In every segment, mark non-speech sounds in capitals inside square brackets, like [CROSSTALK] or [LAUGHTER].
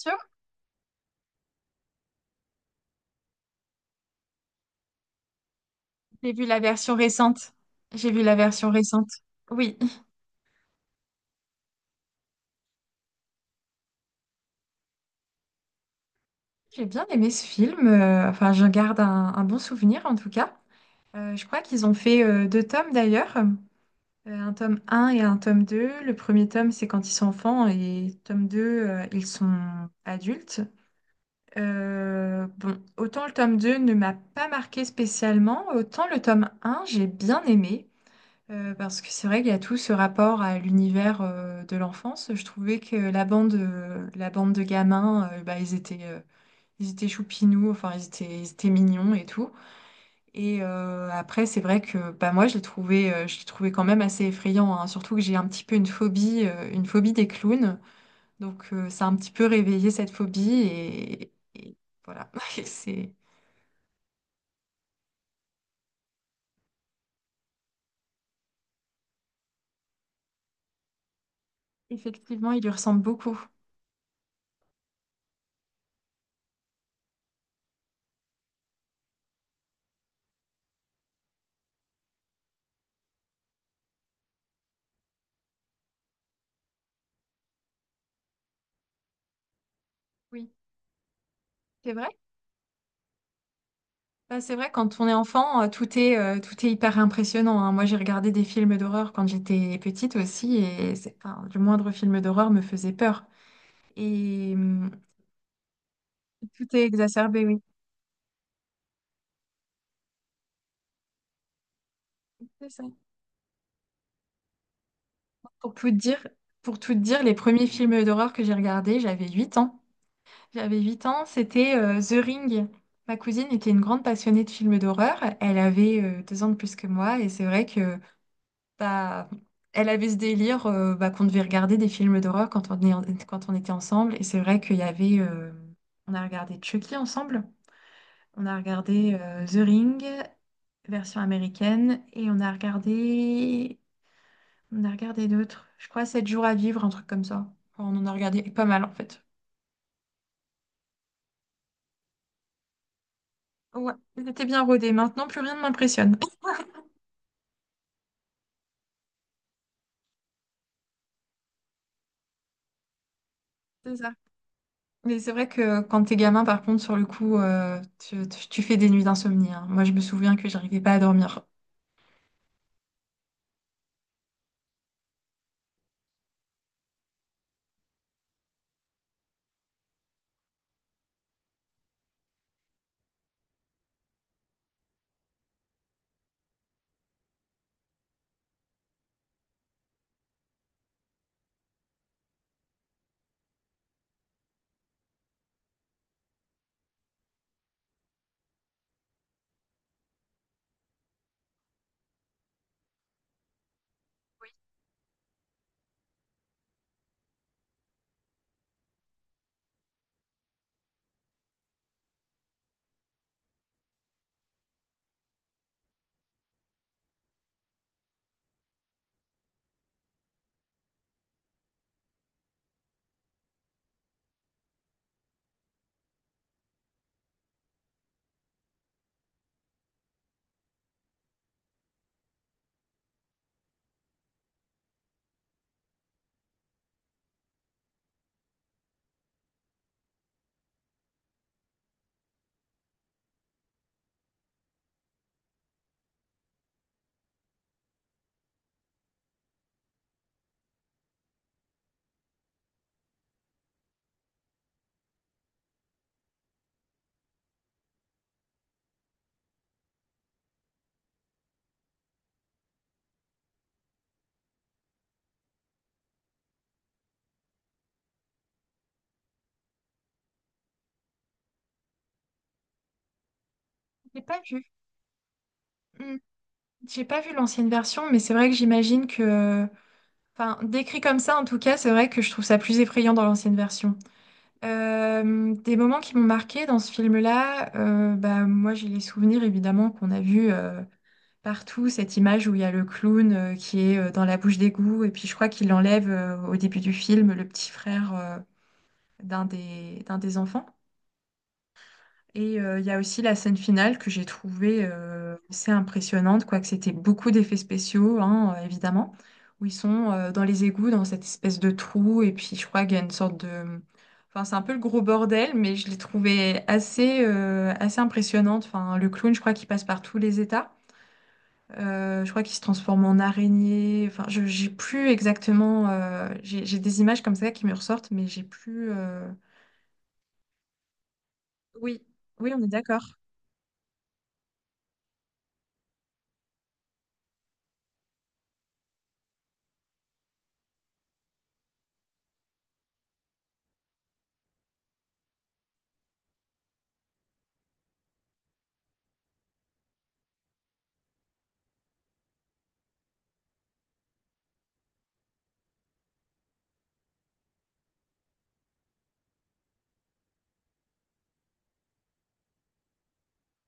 Sûr. J'ai vu la version récente. J'ai vu la version récente. Oui, j'ai bien aimé ce film. Enfin, je garde un bon souvenir en tout cas. Je crois qu'ils ont fait deux tomes d'ailleurs. Un tome un et un tome 2. Le premier tome, c'est quand ils sont enfants, et tome 2 ils sont adultes. Bon, autant le tome 2 ne m'a pas marqué spécialement, autant le tome un j'ai bien aimé. Parce que c'est vrai qu'il y a tout ce rapport à l'univers de l'enfance. Je trouvais que la bande de gamins, bah, ils étaient choupinous, enfin ils étaient mignons et tout. Et après, c'est vrai que bah, moi, je les trouvais quand même assez effrayants, hein. Surtout que j'ai un petit peu une phobie des clowns. Donc ça a un petit peu réveillé cette phobie et voilà. [LAUGHS] Et c'est effectivement, il lui ressemble beaucoup. Oui, c'est vrai. Bah, c'est vrai, quand on est enfant, tout est hyper impressionnant, hein. Moi, j'ai regardé des films d'horreur quand j'étais petite aussi, et enfin, le moindre film d'horreur me faisait peur. Et tout est exacerbé, oui. C'est ça. Pour tout te dire, pour tout te dire, les premiers films d'horreur que j'ai regardés, j'avais 8 ans. J'avais 8 ans, c'était The Ring. Ma cousine était une grande passionnée de films d'horreur. Elle avait deux ans de plus que moi, et c'est vrai que bah, elle avait ce délire bah, qu'on devait regarder des films d'horreur quand on était ensemble. Et c'est vrai qu'il y avait, on a regardé Chucky ensemble. On a regardé The Ring, version américaine. Et on a regardé. On a regardé d'autres. Je crois 7 jours à vivre, un truc comme ça. Enfin, on en a regardé pas mal en fait. Ouais, c'était bien rodé. Maintenant, plus rien ne m'impressionne. C'est ça. Mais c'est vrai que quand t'es gamin, par contre, sur le coup, tu fais des nuits d'insomnie, hein. Moi, je me souviens que j'arrivais pas à dormir. J'ai pas vu. Hmm. J'ai pas vu l'ancienne version, mais c'est vrai que j'imagine que, enfin, décrit comme ça, en tout cas, c'est vrai que je trouve ça plus effrayant dans l'ancienne version. Des moments qui m'ont marqué dans ce film-là, bah moi j'ai les souvenirs évidemment qu'on a vu partout cette image où il y a le clown qui est dans la bouche d'égout, et puis je crois qu'il enlève au début du film le petit frère d'un des enfants. Et il y a aussi la scène finale que j'ai trouvée assez impressionnante, quoique c'était beaucoup d'effets spéciaux, hein, évidemment, où ils sont dans les égouts, dans cette espèce de trou, et puis je crois qu'il y a une sorte de… Enfin, c'est un peu le gros bordel, mais je l'ai trouvé assez impressionnante. Enfin, le clown, je crois qu'il passe par tous les états. Je crois qu'il se transforme en araignée. Enfin, j'ai plus exactement… j'ai des images comme ça qui me ressortent, mais j'ai plus… oui, oui, on est d'accord.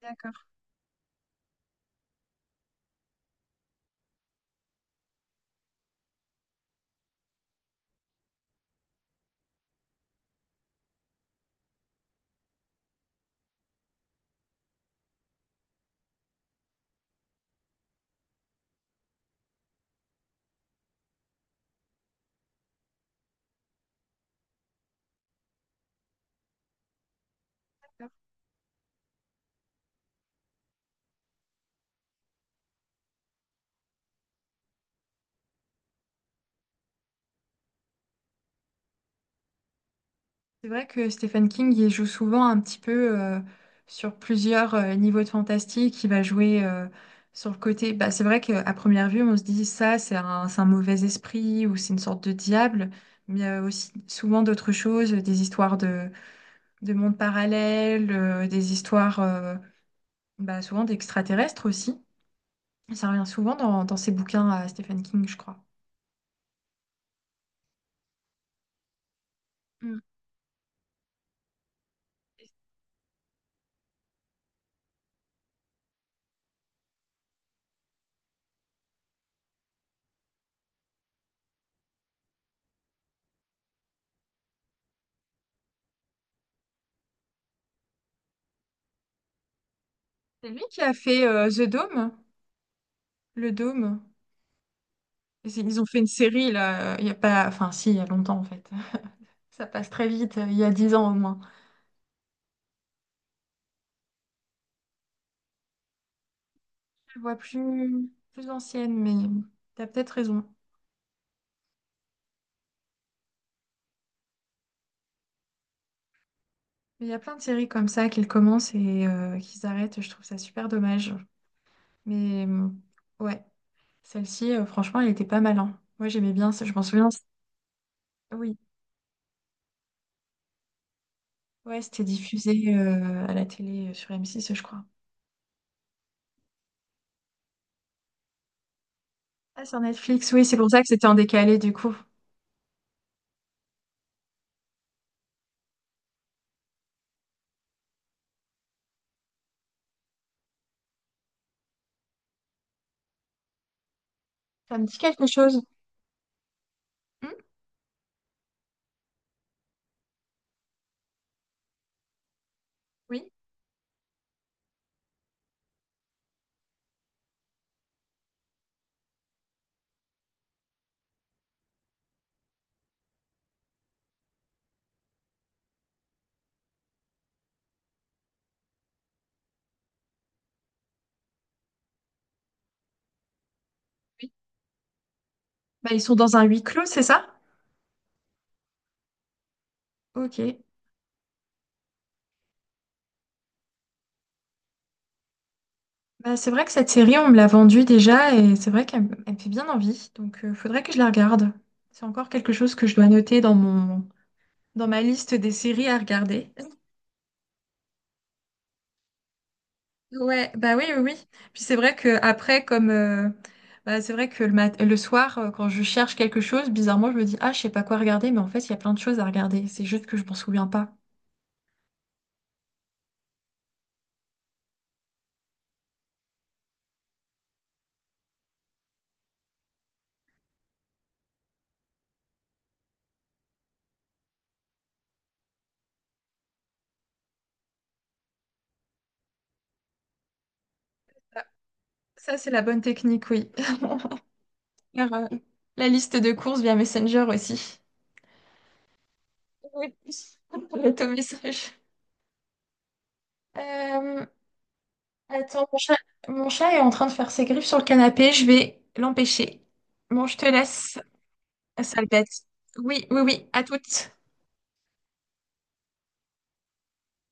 D'accord. C'est vrai que Stephen King, il joue souvent un petit peu sur plusieurs niveaux de fantastique. Il va jouer sur le côté. Bah, c'est vrai qu'à première vue, on se dit ça, c'est c'est un mauvais esprit ou c'est une sorte de diable. Mais il y a aussi souvent d'autres choses, des histoires de mondes parallèles, des histoires bah, souvent d'extraterrestres aussi. Ça revient souvent dans ses bouquins à Stephen King, je crois. Mm. C'est lui qui a fait The Dome, le dôme. C'est… Ils ont fait une série là, il y a pas, enfin si, il y a longtemps en fait. Ça passe très vite, il y a dix ans au moins. Je vois plus, plus ancienne, mais t'as peut-être raison. Mais il y a plein de séries comme ça qu'ils commencent et qu'ils arrêtent, je trouve ça super dommage. Mais euh, ouais, celle-ci, franchement, elle était pas mal, hein. Moi j'aimais bien, ça, je m'en souviens. Oui, ouais, c'était diffusé à la télé sur M6, je crois. Ah, sur Netflix, oui, c'est pour ça que c'était en décalé du coup. Ça me dit quelque chose. Hmm. Oui, oui. Bah, ils sont dans un huis clos, c'est ça? Ok. Bah, c'est vrai que cette série, on me l'a vendue déjà et c'est vrai qu'elle me elle me fait bien envie. Donc, il faudrait que je la regarde. C'est encore quelque chose que je dois noter dans ma liste des séries à regarder. Ouais, bah oui, oui, oui. Puis c'est vrai que après, comme bah, c'est vrai que le soir, quand je cherche quelque chose, bizarrement, je me dis, ah, je sais pas quoi regarder, mais en fait, il y a plein de choses à regarder. C'est juste que je m'en souviens pas. Ça, c'est la bonne technique, oui. [LAUGHS] Faire, euh, la liste de courses via Messenger aussi. Oui. [LAUGHS] L'automessage. Euh, Attends, mon chat est en train de faire ses griffes sur le canapé. Je vais l'empêcher. Bon, je te laisse, sale bête. Oui, oui, oui, à toutes.